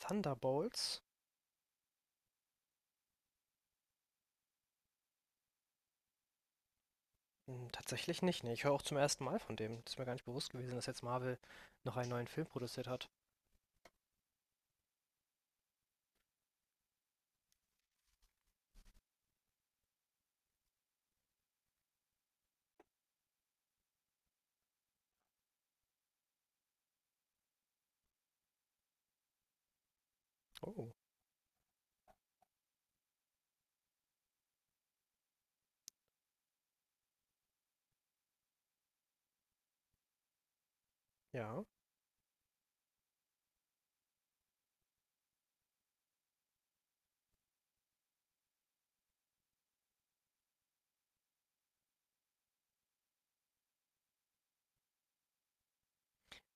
Thunderbolts? Tatsächlich nicht, ne. Ich höre auch zum ersten Mal von dem. Das ist mir gar nicht bewusst gewesen, dass jetzt Marvel noch einen neuen Film produziert hat. Oh. Ja.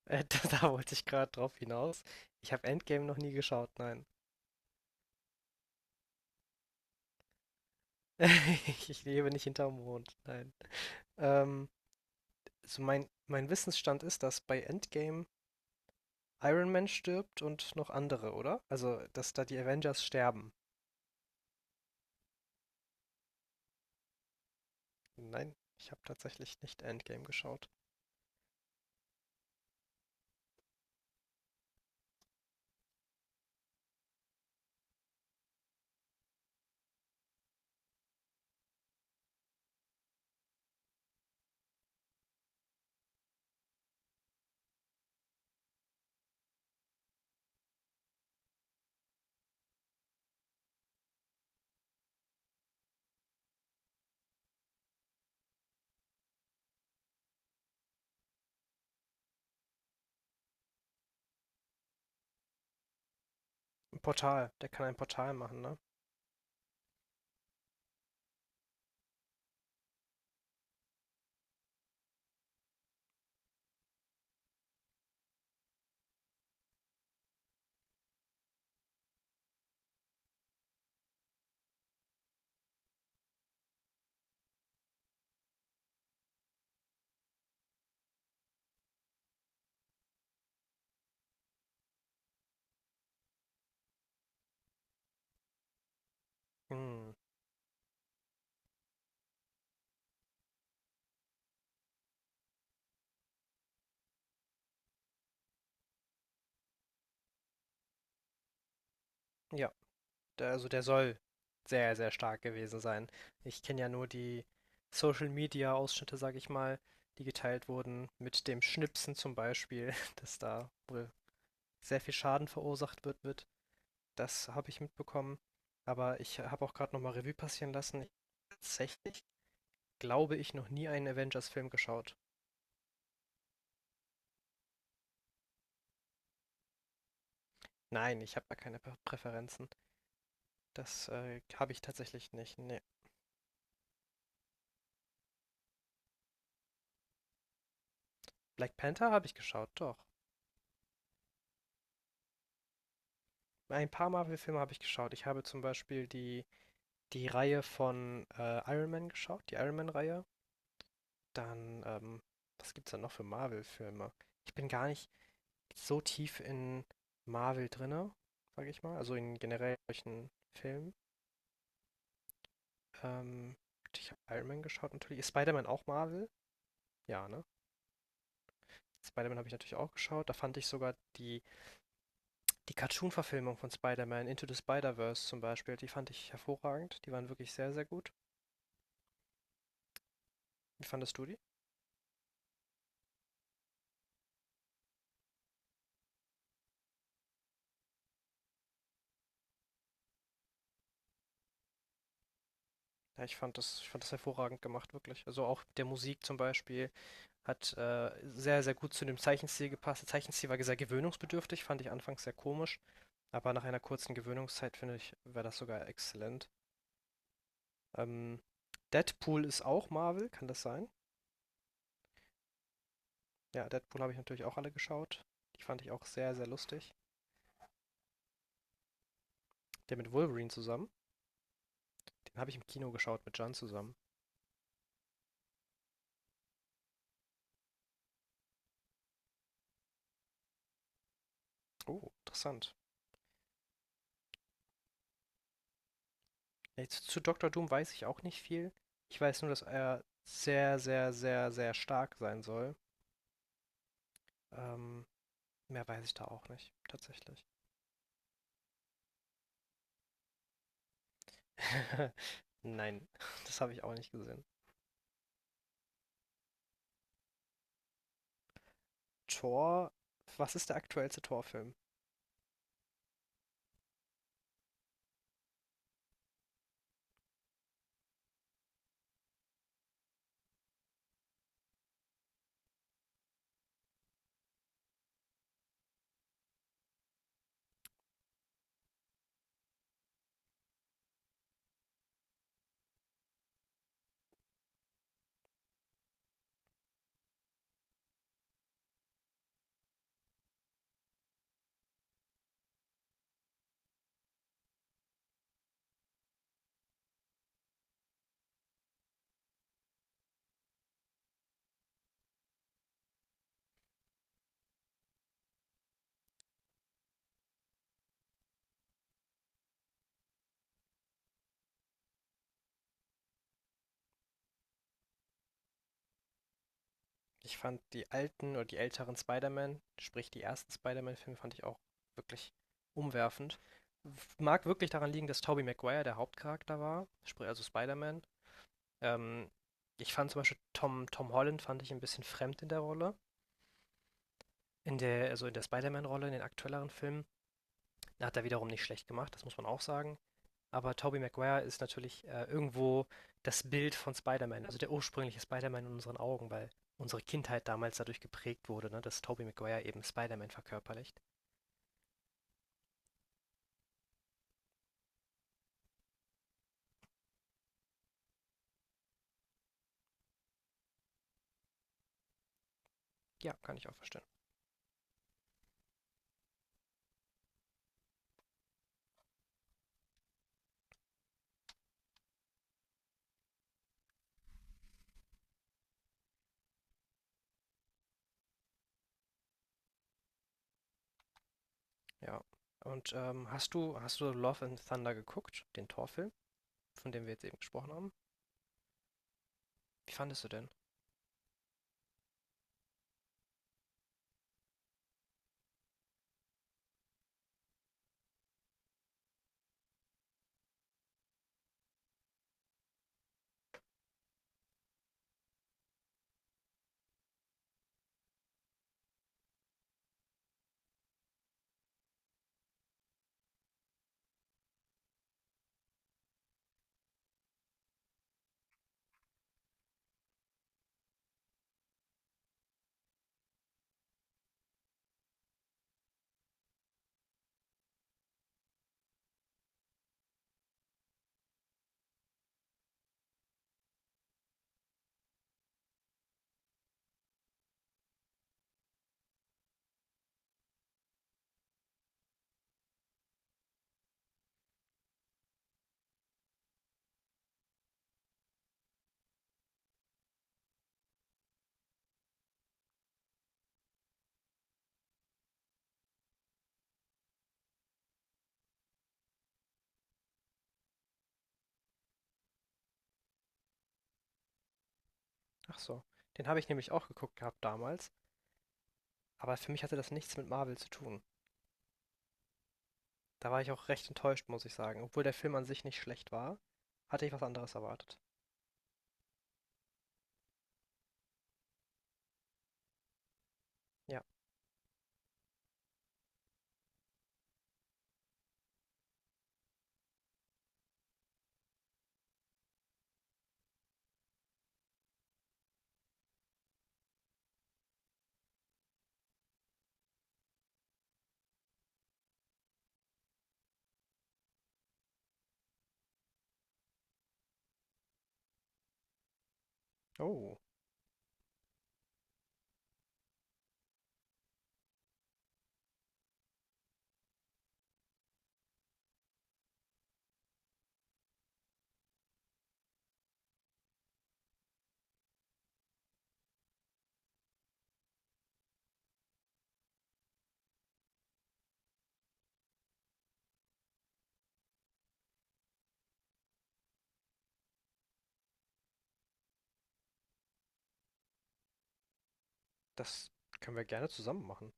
Da wollte ich gerade drauf hinaus. Ich habe Endgame noch nie geschaut, nein. Ich lebe nicht hinterm Mond, nein. Ähm, also mein Wissensstand ist, dass bei Endgame Iron Man stirbt und noch andere, oder? Also, dass da die Avengers sterben. Nein, ich habe tatsächlich nicht Endgame geschaut. Ein Portal, der kann ein Portal machen, ne? Hm, ja. Also der soll sehr, sehr stark gewesen sein. Ich kenne ja nur die Social Media Ausschnitte, sag ich mal, die geteilt wurden, mit dem Schnipsen zum Beispiel, dass da wohl sehr viel Schaden verursacht wird. Das habe ich mitbekommen. Aber ich habe auch gerade nochmal Revue passieren lassen. Tatsächlich glaube ich noch nie einen Avengers-Film geschaut. Nein, ich habe da keine Prä- Präferenzen. Das habe ich tatsächlich nicht. Nee. Black Panther habe ich geschaut, doch. Ein paar Marvel-Filme habe ich geschaut. Ich habe zum Beispiel die Reihe von Iron Man geschaut, die Iron Man-Reihe. Dann, was gibt's da noch für Marvel-Filme? Ich bin gar nicht so tief in Marvel drinne, sage ich mal. Also in generell solchen Filmen. Ähm, Ich habe Iron Man geschaut natürlich. Ist Spider-Man auch Marvel? Ja, ne? Spider-Man habe ich natürlich auch geschaut. Da fand ich sogar die Cartoon-Verfilmung von Spider-Man, Into the Spider-Verse zum Beispiel, die fand ich hervorragend. Die waren wirklich sehr, sehr gut. Wie fandest du die? Ja, ich fand das hervorragend gemacht, wirklich. Also auch mit der Musik zum Beispiel hat sehr, sehr gut zu dem Zeichenstil gepasst. Der Zeichenstil war sehr gewöhnungsbedürftig, fand ich anfangs sehr komisch, aber nach einer kurzen Gewöhnungszeit, finde ich, wäre das sogar exzellent. Ähm, Deadpool ist auch Marvel, kann das sein? Ja, Deadpool habe ich natürlich auch alle geschaut. Die fand ich auch sehr, sehr lustig. Der mit Wolverine zusammen, den habe ich im Kino geschaut mit Jan zusammen. Oh, interessant. Jetzt zu Dr. Doom weiß ich auch nicht viel. Ich weiß nur, dass er sehr, sehr, sehr, sehr stark sein soll. Ähm, mehr weiß ich da auch nicht, tatsächlich. Nein, das habe ich auch nicht gesehen. Thor, was ist der aktuellste Thor-Film? Ich fand die alten oder die älteren Spider-Man, sprich die ersten Spider-Man-Filme, fand ich auch wirklich umwerfend. Mag wirklich daran liegen, dass Tobey Maguire der Hauptcharakter war, sprich also Spider-Man. Ähm, ich fand zum Beispiel Tom Holland fand ich ein bisschen fremd in der Rolle. Also in der Spider-Man-Rolle, in den aktuelleren Filmen. Da hat er wiederum nicht schlecht gemacht, das muss man auch sagen. Aber Tobey Maguire ist natürlich irgendwo das Bild von Spider-Man, also der ursprüngliche Spider-Man in unseren Augen, weil unsere Kindheit damals dadurch geprägt wurde, ne, dass Tobey Maguire eben Spider-Man verkörperlicht. Ja, kann ich auch verstehen. Ja. Und hast du Love and Thunder geguckt, den Torfilm, von dem wir jetzt eben gesprochen haben? Wie fandest du denn? Ach so. Den habe ich nämlich auch geguckt gehabt damals, aber für mich hatte das nichts mit Marvel zu tun. Da war ich auch recht enttäuscht, muss ich sagen. Obwohl der Film an sich nicht schlecht war, hatte ich was anderes erwartet. Ja. Oh, das können wir gerne zusammen machen.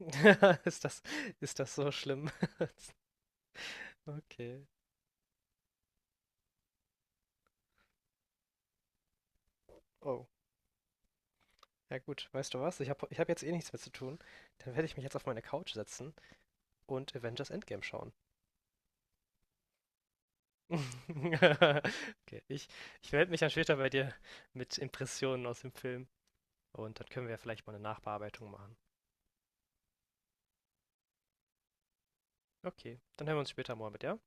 Ist das, ist das so schlimm? Okay. Oh. Ja gut, weißt du was? Ich habe ich hab jetzt eh nichts mehr zu tun. Dann werde ich mich jetzt auf meine Couch setzen und Avengers Endgame schauen. Okay, ich melde mich dann später bei dir mit Impressionen aus dem Film. Und dann können wir ja vielleicht mal eine Nachbearbeitung machen. Okay, dann hören wir uns später mal mit, ja?